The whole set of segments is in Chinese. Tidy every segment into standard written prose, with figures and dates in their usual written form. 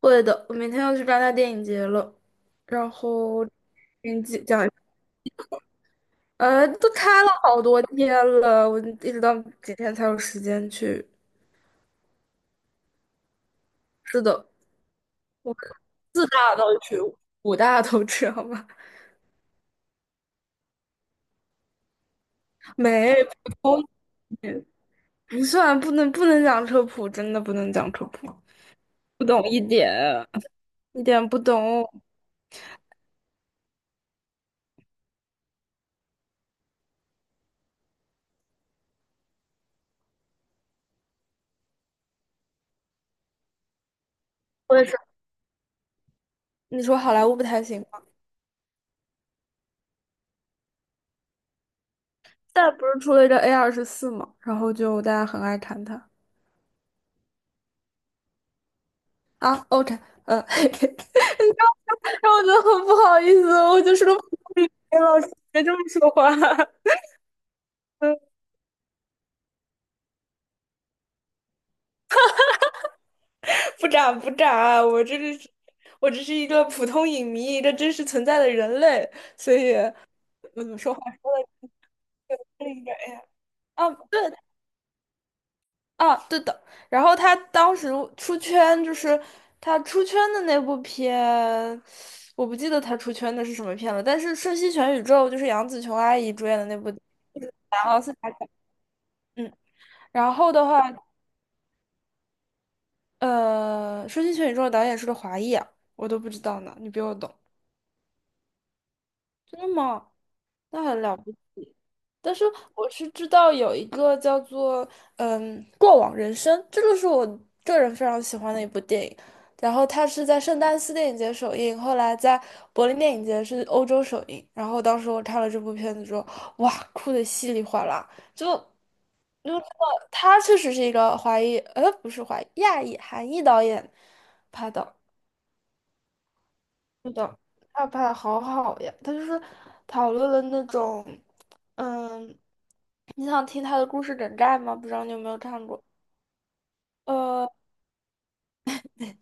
会的，我明天要去戛纳电影节了，然后给你讲一下都开了好多天了，我一直到几天才有时间去。是的，我四大都去，五大都去，好吗？没，普通没不算，不能讲科普，真的不能讲科普，不懂一点，一点不懂。我也是，你说好莱坞不太行吗？现在不是出了一个 A24嘛，然后就大家很爱谈它啊。OK，你知道然后我觉得很不好意思，我就是个老师别这么说话。嗯，不眨不眨，我这个是，我只是一个普通影迷，一个真实存在的人类，所以，嗯，说话是一点。哎呀，啊，对，啊，对的。然后他当时出圈，就是他出圈的那部片，我不记得他出圈的是什么片了，但是《瞬息全宇宙》就是杨紫琼阿姨主演的那部，然后是，嗯，然后的话。《说进全宇宙》的导演是个华裔啊，我都不知道呢，你比我懂。真的吗？那很了不起。但是我是知道有一个叫做《过往人生》，这个是我个人非常喜欢的一部电影。然后它是在圣丹斯电影节首映，后来在柏林电影节是欧洲首映。然后当时我看了这部片子之后，哇，哭的稀里哗啦，就就知道他确实是一个华裔，不是华裔，亚裔、韩裔导演拍的。是的，他拍的好好呀，他就是讨论了那种，嗯，你想听他的故事梗概吗？不知道你有没有看过？呃，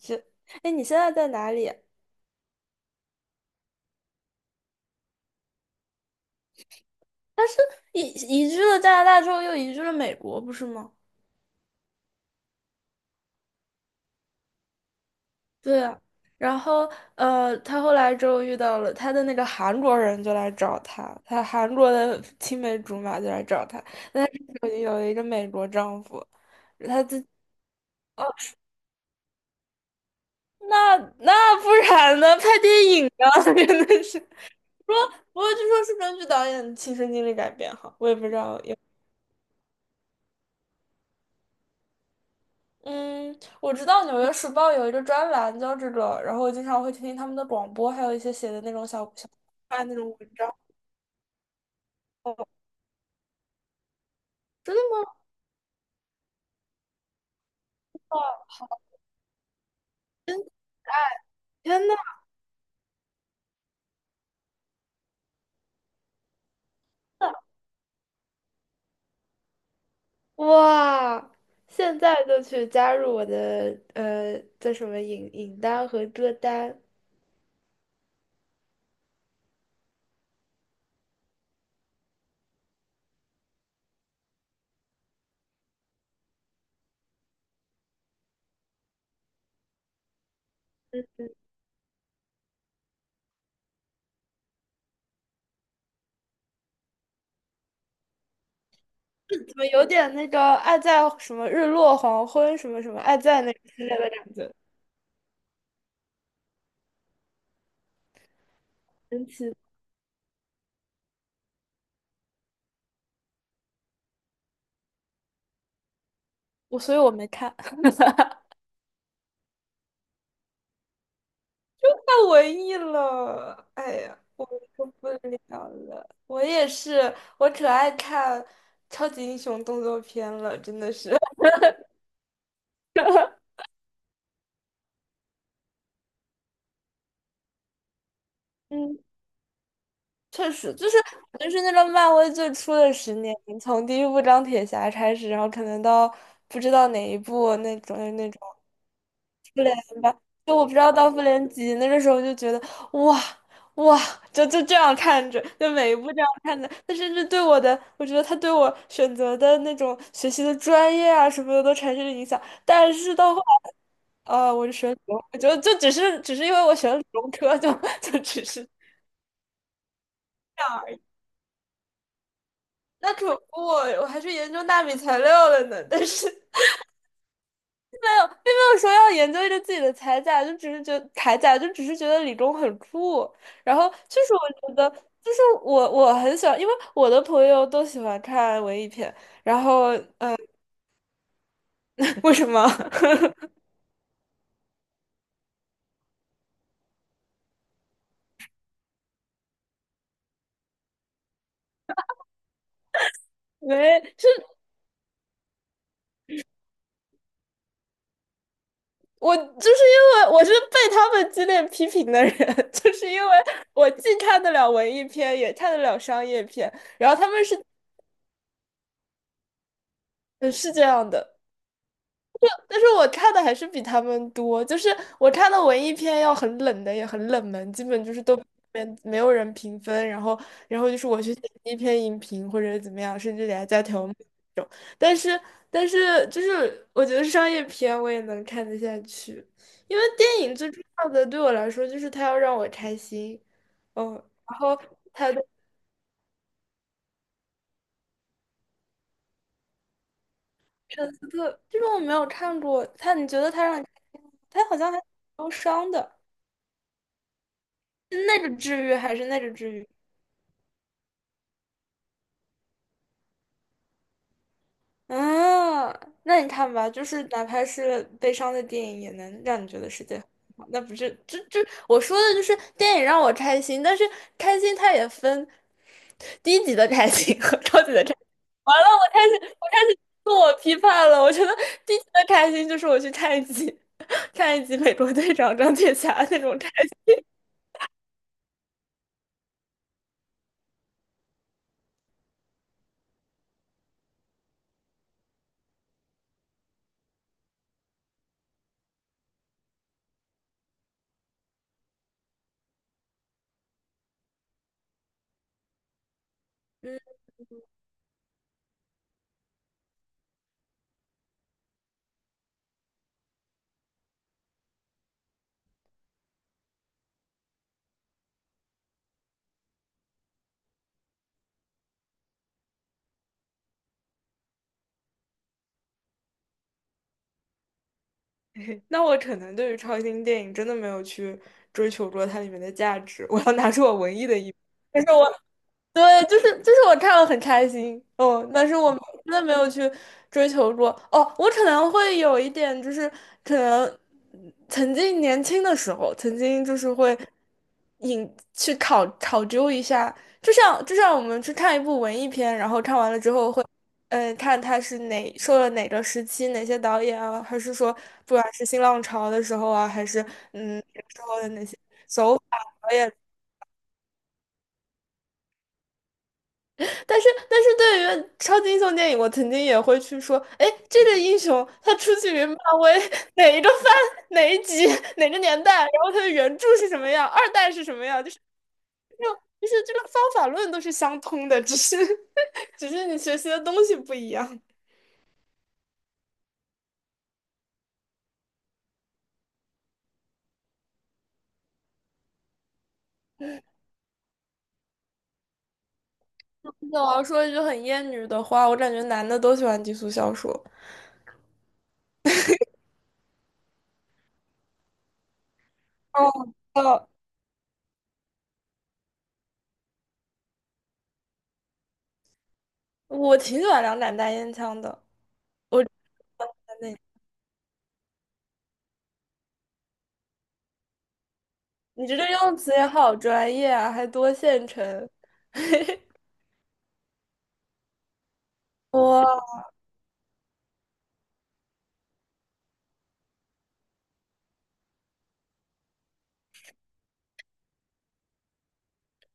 是，哎，你现在在哪里？移移居了加拿大之后，又移居了美国，不是吗？对啊，然后他后来之后遇到了他的那个韩国人，就来找他，他韩国的青梅竹马就来找他，有一个美国丈夫，他自己。那不然呢？拍电影啊，真的是。不过，据说是根据导演亲身经历改编哈，我也不知道有。嗯，我知道《纽约时报》有一个专栏叫这个，然后我经常会听听他们的广播，还有一些写的那种看那种文章。哦，真的吗？哇天呐！哇，现在就去加入我的叫什么影单和歌单。怎么有点那个爱在什么日落黄昏什么什么爱在那个之类的感觉，神奇。所以我没看 太文艺了，哎呀，我受不了了。我也是，我可爱看超级英雄动作片了，真的是。嗯，确实，就是那个漫威最初的10年，从第一部钢铁侠开始，然后可能到不知道哪一部那种那种。复联吧，就我不知道到复联几，那个时候就觉得哇哇，就这样看着，就每一部这样看着，他甚至对我的，我觉得他对我选择的那种学习的专业啊什么的都产生了影响。但是到后来，我就选理工，我就只是因为我选了理工科，就 就只是那可不我还去研究纳米材料了呢，但是。有说要研究一个自己的铠甲，就只是觉得铠甲，就只是觉得李忠很酷。然后就是我觉得，就是我很喜欢，因为我的朋友都喜欢看文艺片。然后 为什么？没，是我就是因为我是被他们激烈批评的人，就是因为我既看得了文艺片，也看得了商业片。然后他们是这样的，但是我看的还是比他们多，就是我看的文艺片要很冷的，也很冷门，基本就是都没有人评分，然后就是我去写一篇影评或者怎么样，甚至给他加条目。但是但是就是我觉得商业片我也能看得下去，因为电影最重要的对我来说就是它要让我开心，嗯，然后还有圣斯特这个我没有看过，他你觉得他让你，他好像还挺忧伤的，是那个治愈还是那个治愈？啊，那你看吧，就是哪怕是悲伤的电影，也能让你觉得世界很好。那不是，这我说的就是电影让我开心，但是开心它也分低级的开心和 超级的开心。完了，我开始自我批判了。我觉得低级的开心就是我去看一集 看一集《美国队长》钢铁侠那种开心。嗯 那我可能对于超新星电影真的没有去追求过它里面的价值，我要拿出我文艺的一面。但是我对，就是我看了很开心，嗯，但是我真的没有去追求过。哦，我可能会有一点，就是可能曾经年轻的时候，曾经就是会引去考究一下，就像我们去看一部文艺片，然后看完了之后会，嗯，看它是哪受了哪个时期哪些导演啊，还是说不管是新浪潮的时候啊，还是嗯那个时候的那些手法。导演。但是对于超级英雄电影，我曾经也会去说，哎，这个英雄他出自于漫威哪一个番、哪一集、哪个年代，然后他的原著是什么样，二代是什么样，就是这种就是这个方法论都是相通的，只是 只是你学习的东西不一样。那我要说一句很厌女的话，我感觉男的都喜欢低俗小说。哦，哦，我挺喜欢两盏大烟枪的，我真的，你这个用词也好专业啊，还多线程。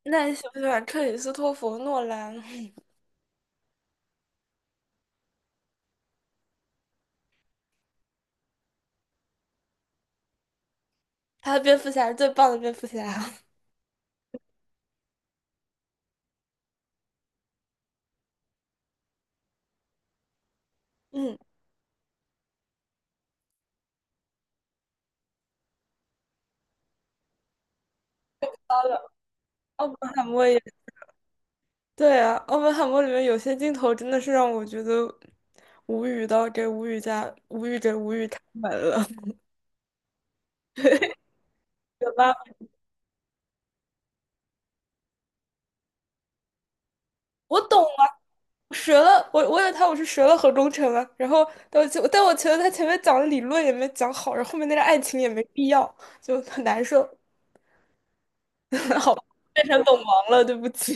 那你喜不喜欢克里斯托弗·诺兰？他的蝙蝠侠是最棒的蝙蝠侠。嗯，好的奥本海默也对啊，奥本海默里面有些镜头真的是让我觉得无语到给无语加无语给无语开门了，对吧？我懂啊，折了，我以为他我是折了何忠诚了。然后但我觉得他前面讲的理论也没讲好，然后后面那个爱情也没必要，就很难受。好吧变成本王了，对不起。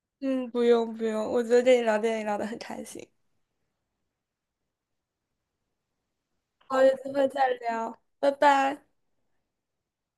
嗯，不用不用，我觉得跟你聊电影聊得很开心。好，有机会再聊，拜拜。